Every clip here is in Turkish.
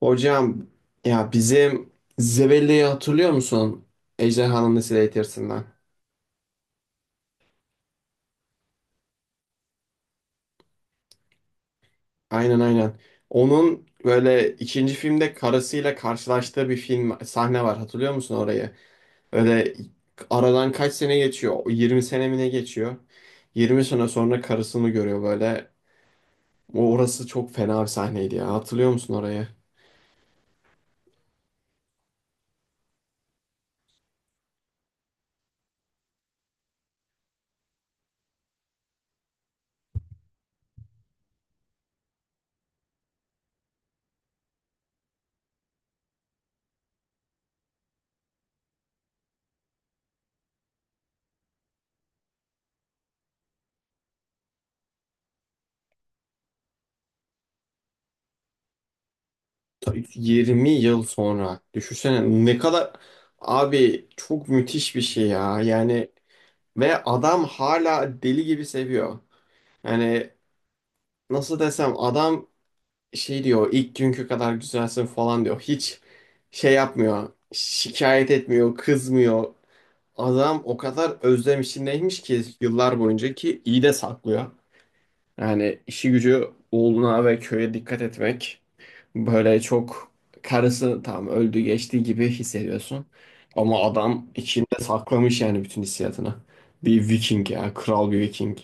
Hocam, ya bizim Zebelli'yi hatırlıyor musun? Ejderhanın Nesli Eğitirsinden. Aynen, aynen. Onun böyle ikinci filmde karısıyla karşılaştığı bir film sahne var. Hatırlıyor musun orayı? Öyle aradan kaç sene geçiyor? 20 sene mi ne geçiyor? 20 sene sonra karısını görüyor böyle. O orası çok fena bir sahneydi ya. Hatırlıyor musun orayı? 20 yıl sonra. Düşünsene ne kadar abi çok müthiş bir şey ya. Yani ve adam hala deli gibi seviyor. Yani nasıl desem, adam şey diyor, ilk günkü kadar güzelsin falan diyor. Hiç şey yapmıyor. Şikayet etmiyor, kızmıyor. Adam o kadar özlem içindeymiş ki yıllar boyunca, ki iyi de saklıyor. Yani işi gücü oğluna ve köye dikkat etmek. Böyle çok karısı tam öldü geçti gibi hissediyorsun. Ama adam içinde saklamış yani bütün hissiyatını. Bir Viking ya, kral bir Viking.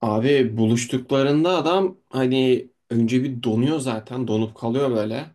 Abi buluştuklarında adam hani önce bir donuyor, zaten donup kalıyor böyle.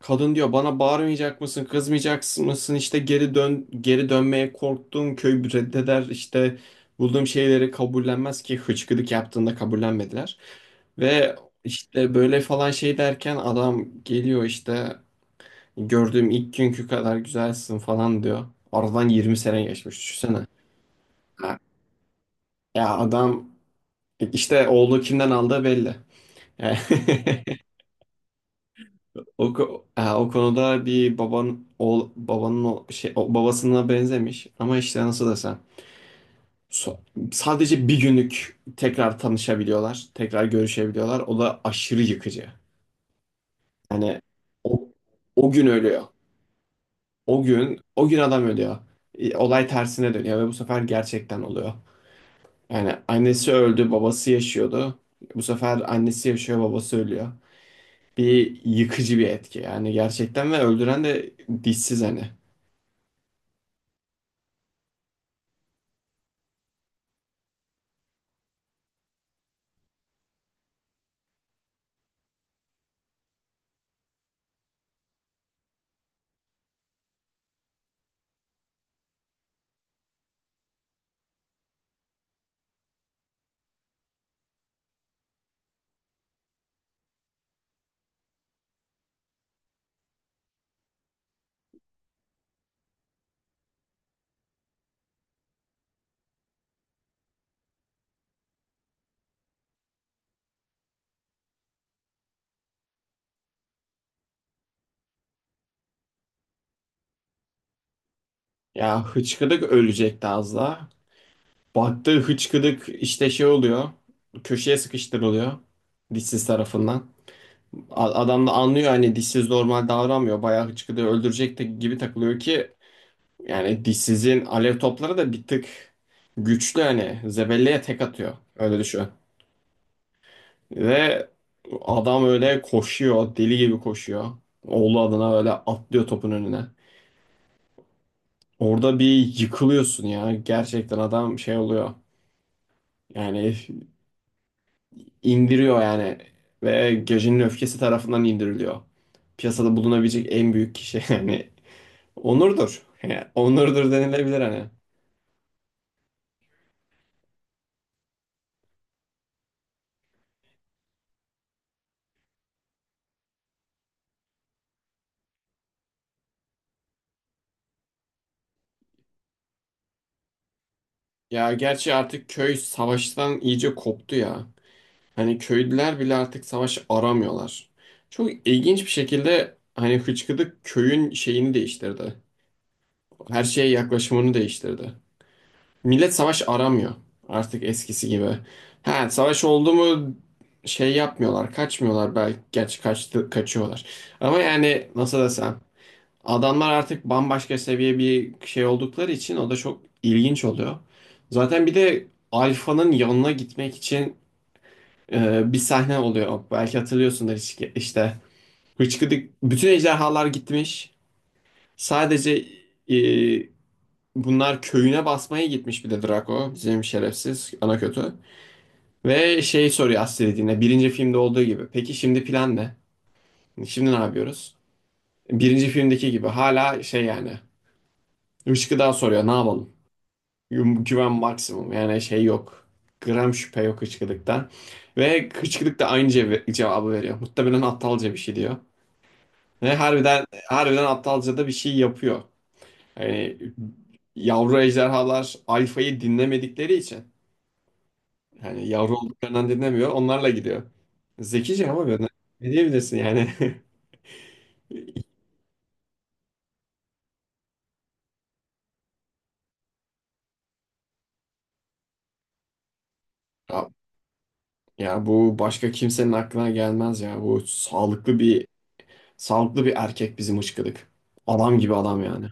Kadın diyor bana bağırmayacak mısın, kızmayacak mısın, işte geri dön, geri dönmeye korktum, köy reddeder, işte bulduğum şeyleri kabullenmez ki, hıçkırık yaptığında kabullenmediler. Ve işte böyle falan şey derken adam geliyor, işte gördüğüm ilk günkü kadar güzelsin falan diyor. Aradan 20 sene geçmiş, düşünsene. Ha, ya adam işte oğlu kimden aldığı belli. Yani o, o konuda bir baban oğul babanın o şey o babasına benzemiş ama işte nasıl desem so- sadece bir günlük tekrar tanışabiliyorlar, tekrar görüşebiliyorlar. O da aşırı yıkıcı. Yani o, o gün ölüyor. O gün, o gün adam ölüyor. Olay tersine dönüyor ve bu sefer gerçekten oluyor. Yani annesi öldü, babası yaşıyordu. Bu sefer annesi yaşıyor, babası ölüyor. Bir yıkıcı bir etki yani gerçekten, ve öldüren de dişsiz hani. Ya hıçkıdık ölecekti az daha. Baktı hıçkıdık işte şey oluyor. Köşeye sıkıştırılıyor. Dişsiz tarafından. Adam da anlıyor hani dişsiz normal davranmıyor. Bayağı hıçkıdığı öldürecekti gibi takılıyor ki yani dişsizin alev topları da bir tık güçlü hani. Zebelliye tek atıyor. Öyle düşün. Ve adam öyle koşuyor. Deli gibi koşuyor. Oğlu adına öyle atlıyor topun önüne. Orada bir yıkılıyorsun ya. Gerçekten adam şey oluyor. Yani indiriyor yani. Ve gecenin öfkesi tarafından indiriliyor. Piyasada bulunabilecek en büyük kişi yani. Onurdur. Yani onurdur denilebilir hani. Ya gerçi artık köy savaştan iyice koptu ya. Hani köylüler bile artık savaş aramıyorlar. Çok ilginç bir şekilde hani Hıçkıdık köyün şeyini değiştirdi. Her şeye yaklaşımını değiştirdi. Millet savaş aramıyor artık eskisi gibi. Ha, savaş oldu mu şey yapmıyorlar, kaçmıyorlar belki. Gerçi kaçtı, kaçıyorlar. Ama yani nasıl desem, adamlar artık bambaşka seviye bir şey oldukları için o da çok ilginç oluyor. Zaten bir de Alfa'nın yanına gitmek için bir sahne oluyor. Belki hatırlıyorsundur, işte. Hıçkıdık bütün ejderhalar gitmiş. Sadece e, bunlar köyüne basmaya gitmiş bir de Draco. Bizim şerefsiz ana kötü. Ve şey soruyor Astrid'ine birinci filmde olduğu gibi. Peki şimdi plan ne? Şimdi ne yapıyoruz? Birinci filmdeki gibi hala şey yani. Işkıdağ soruyor, ne yapalım? Güven maksimum yani şey yok. Gram şüphe yok Hıçkıdık'tan. Ve Hıçkıdık da aynı cevabı veriyor. Muhtemelen aptalca bir şey diyor. Ve harbiden, harbiden aptalca da bir şey yapıyor. Yani yavru ejderhalar alfayı dinlemedikleri için yani yavru olduklarından dinlemiyor. Onlarla gidiyor. Zekice ama böyle. Ne diyebilirsin yani? Ya, ya bu başka kimsenin aklına gelmez ya. Bu sağlıklı bir, sağlıklı bir erkek bizim ışkıdık. Adam gibi adam yani.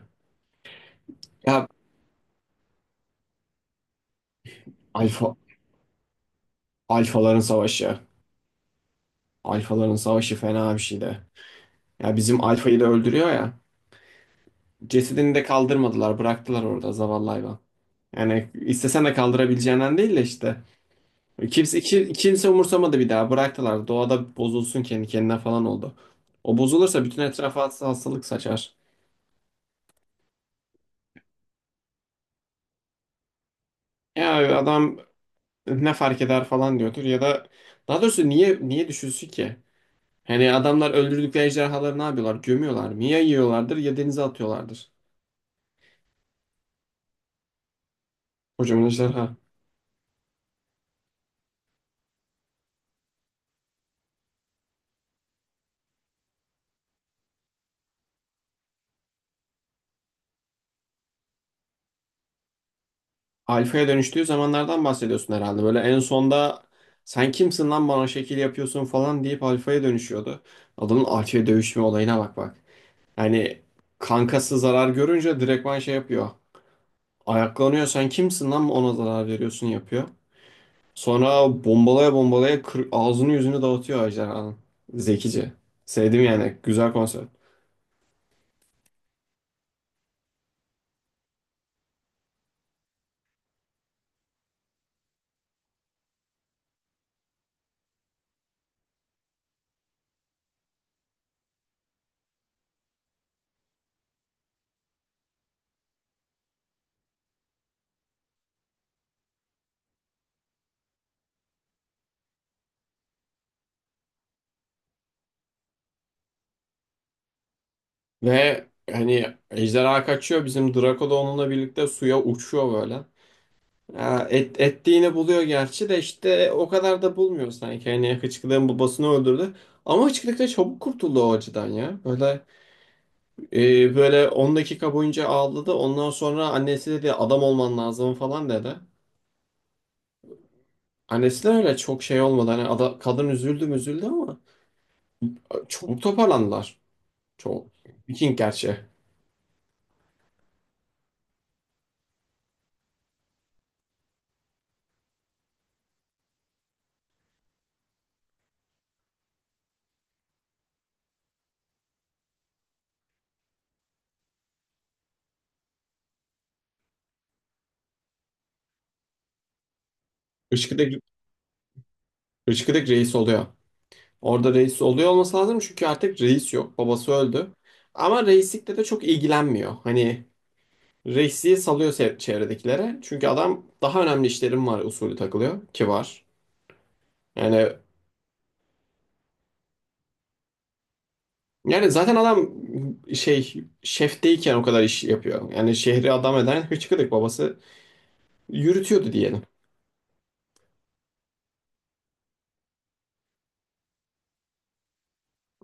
Ya alfa alfaların savaşı. Alfaların savaşı fena bir şey de. Ya bizim alfayı da öldürüyor ya. Cesedini de kaldırmadılar, bıraktılar orada zavallı hayvan. Yani istesen de kaldırabileceğinden değil de işte. Kimse umursamadı bir daha. Bıraktılar. Doğada bozulsun kendi kendine falan oldu. O bozulursa bütün etrafa hastalık saçar. Ya adam ne fark eder falan diyordur ya da daha doğrusu niye düşünsün ki? Hani adamlar öldürdükleri ejderhaları ne yapıyorlar? Gömüyorlar mı? Ya yiyorlardır ya denize atıyorlardır. Kocaman ejderha. Alfa'ya dönüştüğü zamanlardan bahsediyorsun herhalde. Böyle en sonda sen kimsin lan bana şekil yapıyorsun falan deyip alfaya dönüşüyordu. Adamın alfaya dövüşme olayına bak bak. Yani kankası zarar görünce direktman şey yapıyor. Ayaklanıyor, sen kimsin lan ona zarar veriyorsun yapıyor. Sonra bombalaya bombalaya ağzını yüzünü dağıtıyor ejderhanın. Zekice. Sevdim yani. Güzel konsept. Ve hani ejderha kaçıyor. Bizim Draco da onunla birlikte suya uçuyor böyle. Ya ettiğini buluyor gerçi de işte o kadar da bulmuyor sanki. Hani Hıçkırık'ın babasını öldürdü. Ama Hıçkırık da çabuk kurtuldu o acıdan ya. Böyle böyle 10 dakika boyunca ağladı. Ondan sonra annesi dedi adam olman lazım falan dedi. Annesi de öyle çok şey olmadı. Hani kadın üzüldü mü üzüldü ama çok toparlandılar. Çok. Viking gerçi. Işkıdık, Işkıdık reis oluyor. Orada reis oluyor, olması lazım çünkü artık reis yok. Babası öldü. Ama reislikle de çok ilgilenmiyor. Hani reisliği salıyor çevredekilere. Çünkü adam daha önemli işlerim var usulü takılıyor ki var. Yani yani zaten adam şey şefteyken o kadar iş yapıyor. Yani şehri adam eden Hıçkırık babası yürütüyordu diyelim.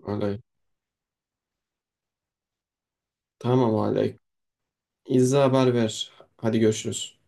Öyle. Tamam hala. İzza haber ver. Hadi görüşürüz.